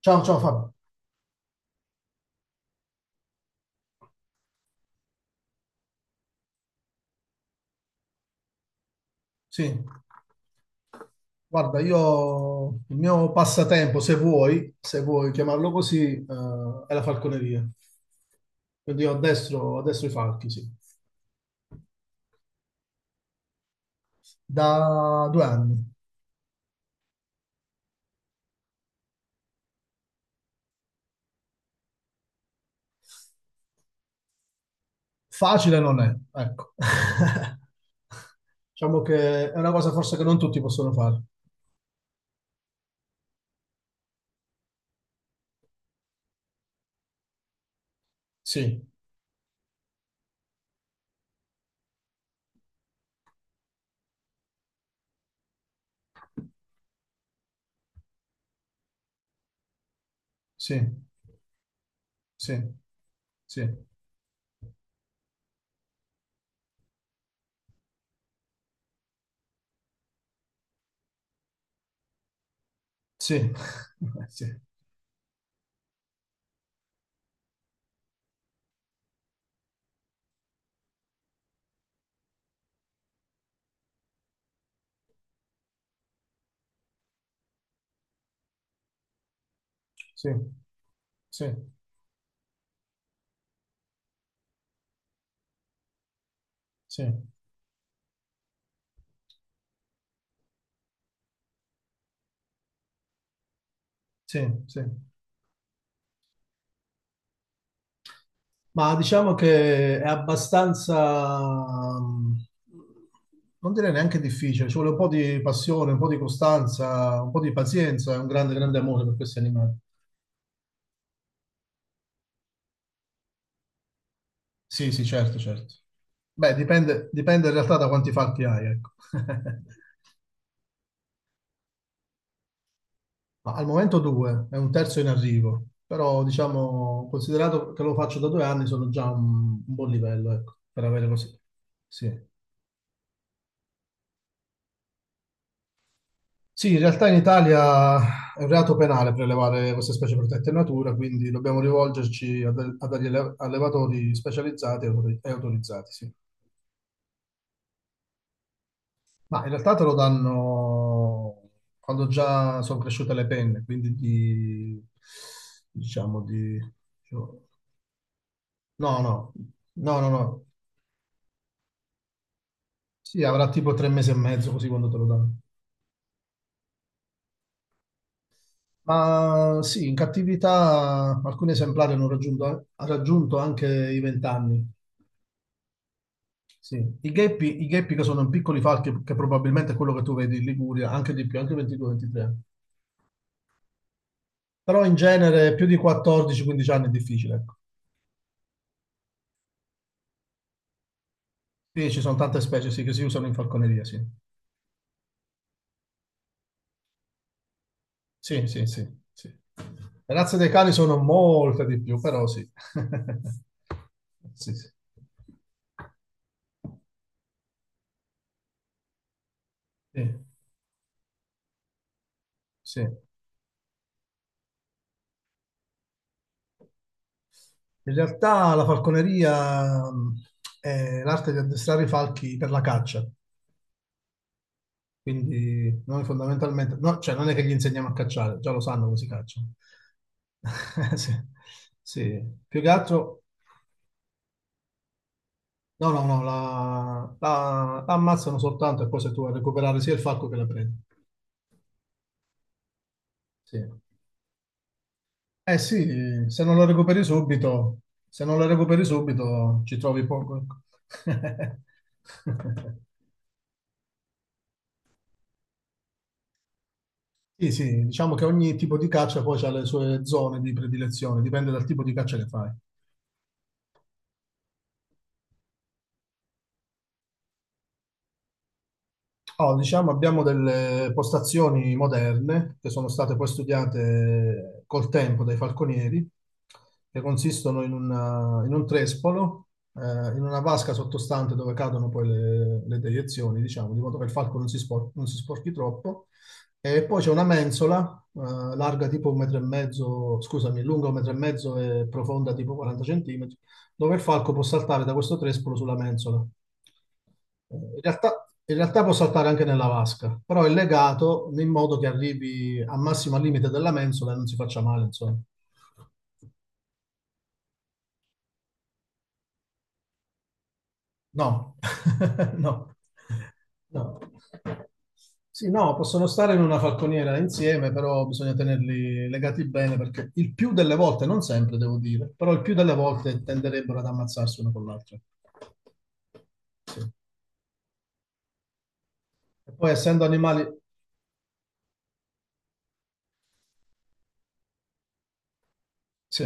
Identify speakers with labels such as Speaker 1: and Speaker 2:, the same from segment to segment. Speaker 1: Ciao, ciao Fabio. Sì, guarda, io il mio passatempo, se vuoi chiamarlo così, è la falconeria. Quindi io addestro, addestro i falchi, sì. Da due anni. Facile non è, ecco. Diciamo che è una cosa forse che non tutti possono fare. Sì, sì, sì, sì, sì, sì, sì, sì, sì, sì, sì. Ma diciamo che è abbastanza, non direi neanche difficile, ci vuole un po' di passione, un po' di costanza, un po' di pazienza e un grande, grande amore per questi animali. Sì, sì, certo, certo. Beh, dipende in realtà da quanti fatti hai, ecco. Ma al momento due, è un terzo in arrivo, però diciamo, considerato che lo faccio da 2 anni, sono già un buon livello, ecco, per avere così. Sì. Sì, in realtà in Italia è un reato penale prelevare queste specie protette in natura, quindi dobbiamo rivolgerci a degli allevatori specializzati e autorizzati, sì. Ma in realtà te lo danno quando già sono cresciute le penne, quindi di, diciamo di. No, no, no, no, no. Sì, avrà tipo 3 mesi e mezzo così quando te lo danno. Ma sì, in cattività alcuni esemplari hanno raggiunto, ha raggiunto anche i 20 anni. Sì, i gheppi che sono piccoli falchi, che probabilmente è quello che tu vedi in Liguria, anche di più, anche 22-23. Però in genere più di 14-15 anni è difficile, ecco. Sì, ci sono tante specie, sì, che si usano in falconeria, sì. Sì, sì, sì, sì. Le razze dei cani sono molte di più, però sì. Sì, sì. Sì, sì. In realtà la falconeria è l'arte di addestrare i falchi per la caccia. Quindi noi fondamentalmente, no, cioè non è che gli insegniamo a cacciare, già lo sanno come si caccia. Sì, sì. Più che altro, no, no, no, la ammazzano soltanto e poi sei tu a recuperare sia il falco che la preda. Sì. Eh sì, se non lo recuperi subito, se non lo recuperi subito ci trovi poco, ecco. Sì, sì, diciamo che ogni tipo di caccia poi ha le sue zone di predilezione, dipende dal tipo di caccia che fai. Oh, diciamo, abbiamo delle postazioni moderne che sono state poi studiate col tempo dai falconieri, che consistono in un trespolo, eh, in una vasca sottostante dove cadono poi le deiezioni, diciamo, di modo che il falco non si sporchi troppo. E poi c'è una mensola, eh, larga tipo un metro e mezzo, scusami, lunga un metro e mezzo e profonda tipo 40 centimetri, dove il falco può saltare da questo trespolo sulla mensola. In realtà può saltare anche nella vasca, però è legato in modo che arrivi al massimo al limite della mensola e non si faccia male, insomma. No, no, no. Sì, no, possono stare in una falconiera insieme, però bisogna tenerli legati bene perché il più delle volte, non sempre devo dire, però il più delle volte tenderebbero ad ammazzarsi uno con l'altro. Sì. E poi essendo animali, sì,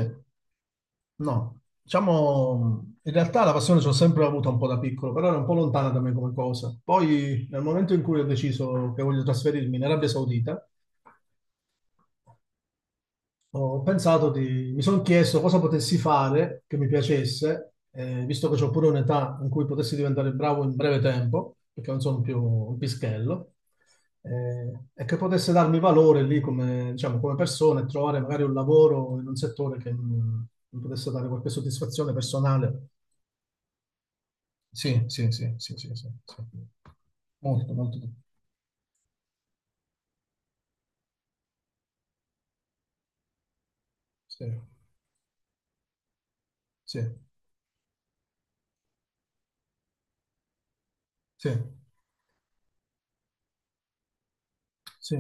Speaker 1: no, diciamo, in realtà la passione ce l'ho sempre avuta un po' da piccolo, però era un po' lontana da me come cosa. Poi, nel momento in cui ho deciso che voglio trasferirmi in Arabia Saudita, ho pensato di, mi sono chiesto cosa potessi fare che mi piacesse, visto che ho pure un'età in cui potessi diventare bravo in breve tempo, perché non sono più un pischello, e che potesse darmi valore lì come, diciamo, come persona e trovare magari un lavoro in un settore che mi potesse dare qualche soddisfazione personale. Sì, sì, sì, sì, sì, sì, sì. Molto, molto. Sì, sì, sì, sì,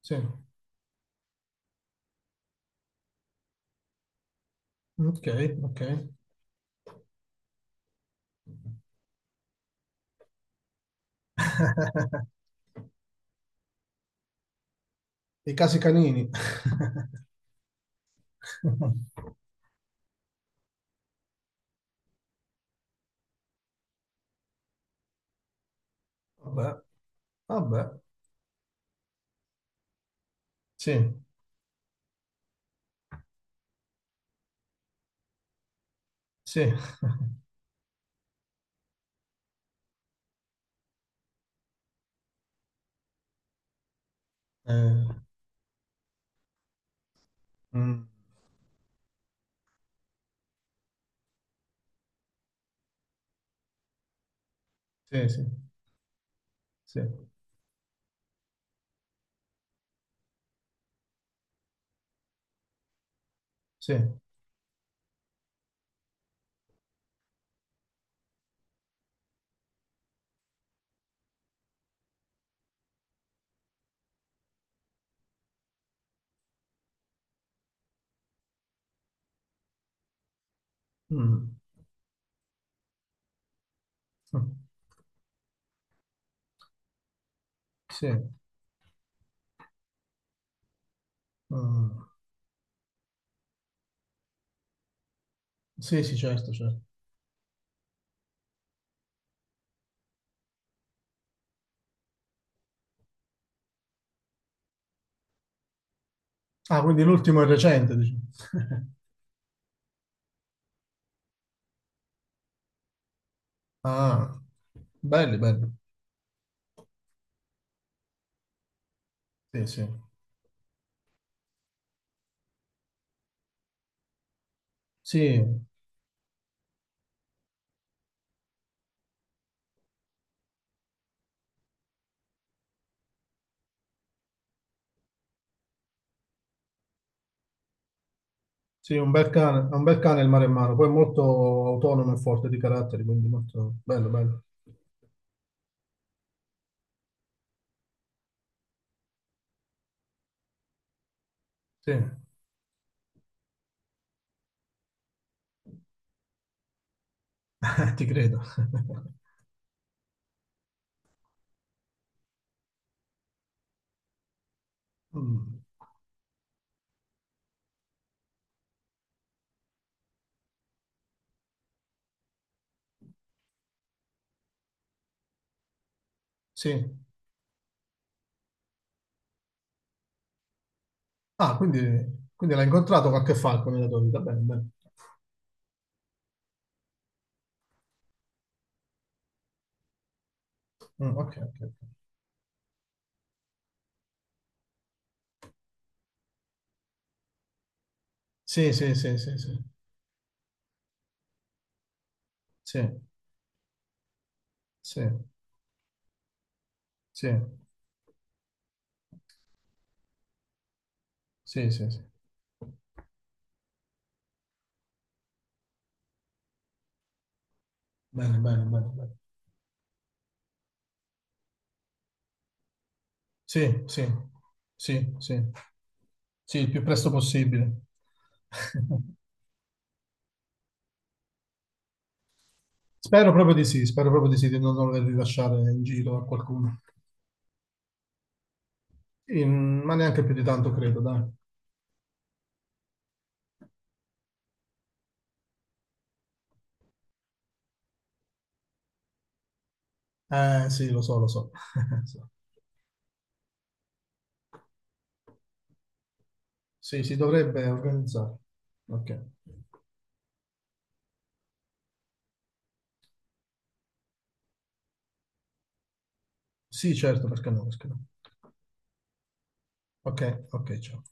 Speaker 1: sì. Ok, ok. I casi canini. Vabbè, vabbè, sì, sì, eh, mm, sì, sì, sì, sì, mm, mm, sì, mm, sì, sì, certo, certo. Ah, quindi l'ultimo è recente, dici. Ah, belli, belli. Sì, sì. Sì, sì, un bel cane, è un bel cane il maremmano, poi è molto autonomo e forte di caratteri, quindi molto bello, bello. Sì, ti credo. Mm, sì, ah, quindi l'ha incontrato qualche falco nella tua vita, bene, bene. Mm, ok, ok, ok. Sì, sì, sì, sì, sì, sì, sì, sì, sì, sì, sì. Bene, bene, bene, bene. Sì, sì, sì, sì, sì, il più presto possibile. Spero proprio di sì, spero proprio di sì, di non dover rilasciare in giro a qualcuno. Sì, ma neanche più di tanto, credo, dai. Sì, lo so, lo so. Sì, si dovrebbe organizzare. Ok. Sì, certo, perché no, perché no. Ok, ok, ciao.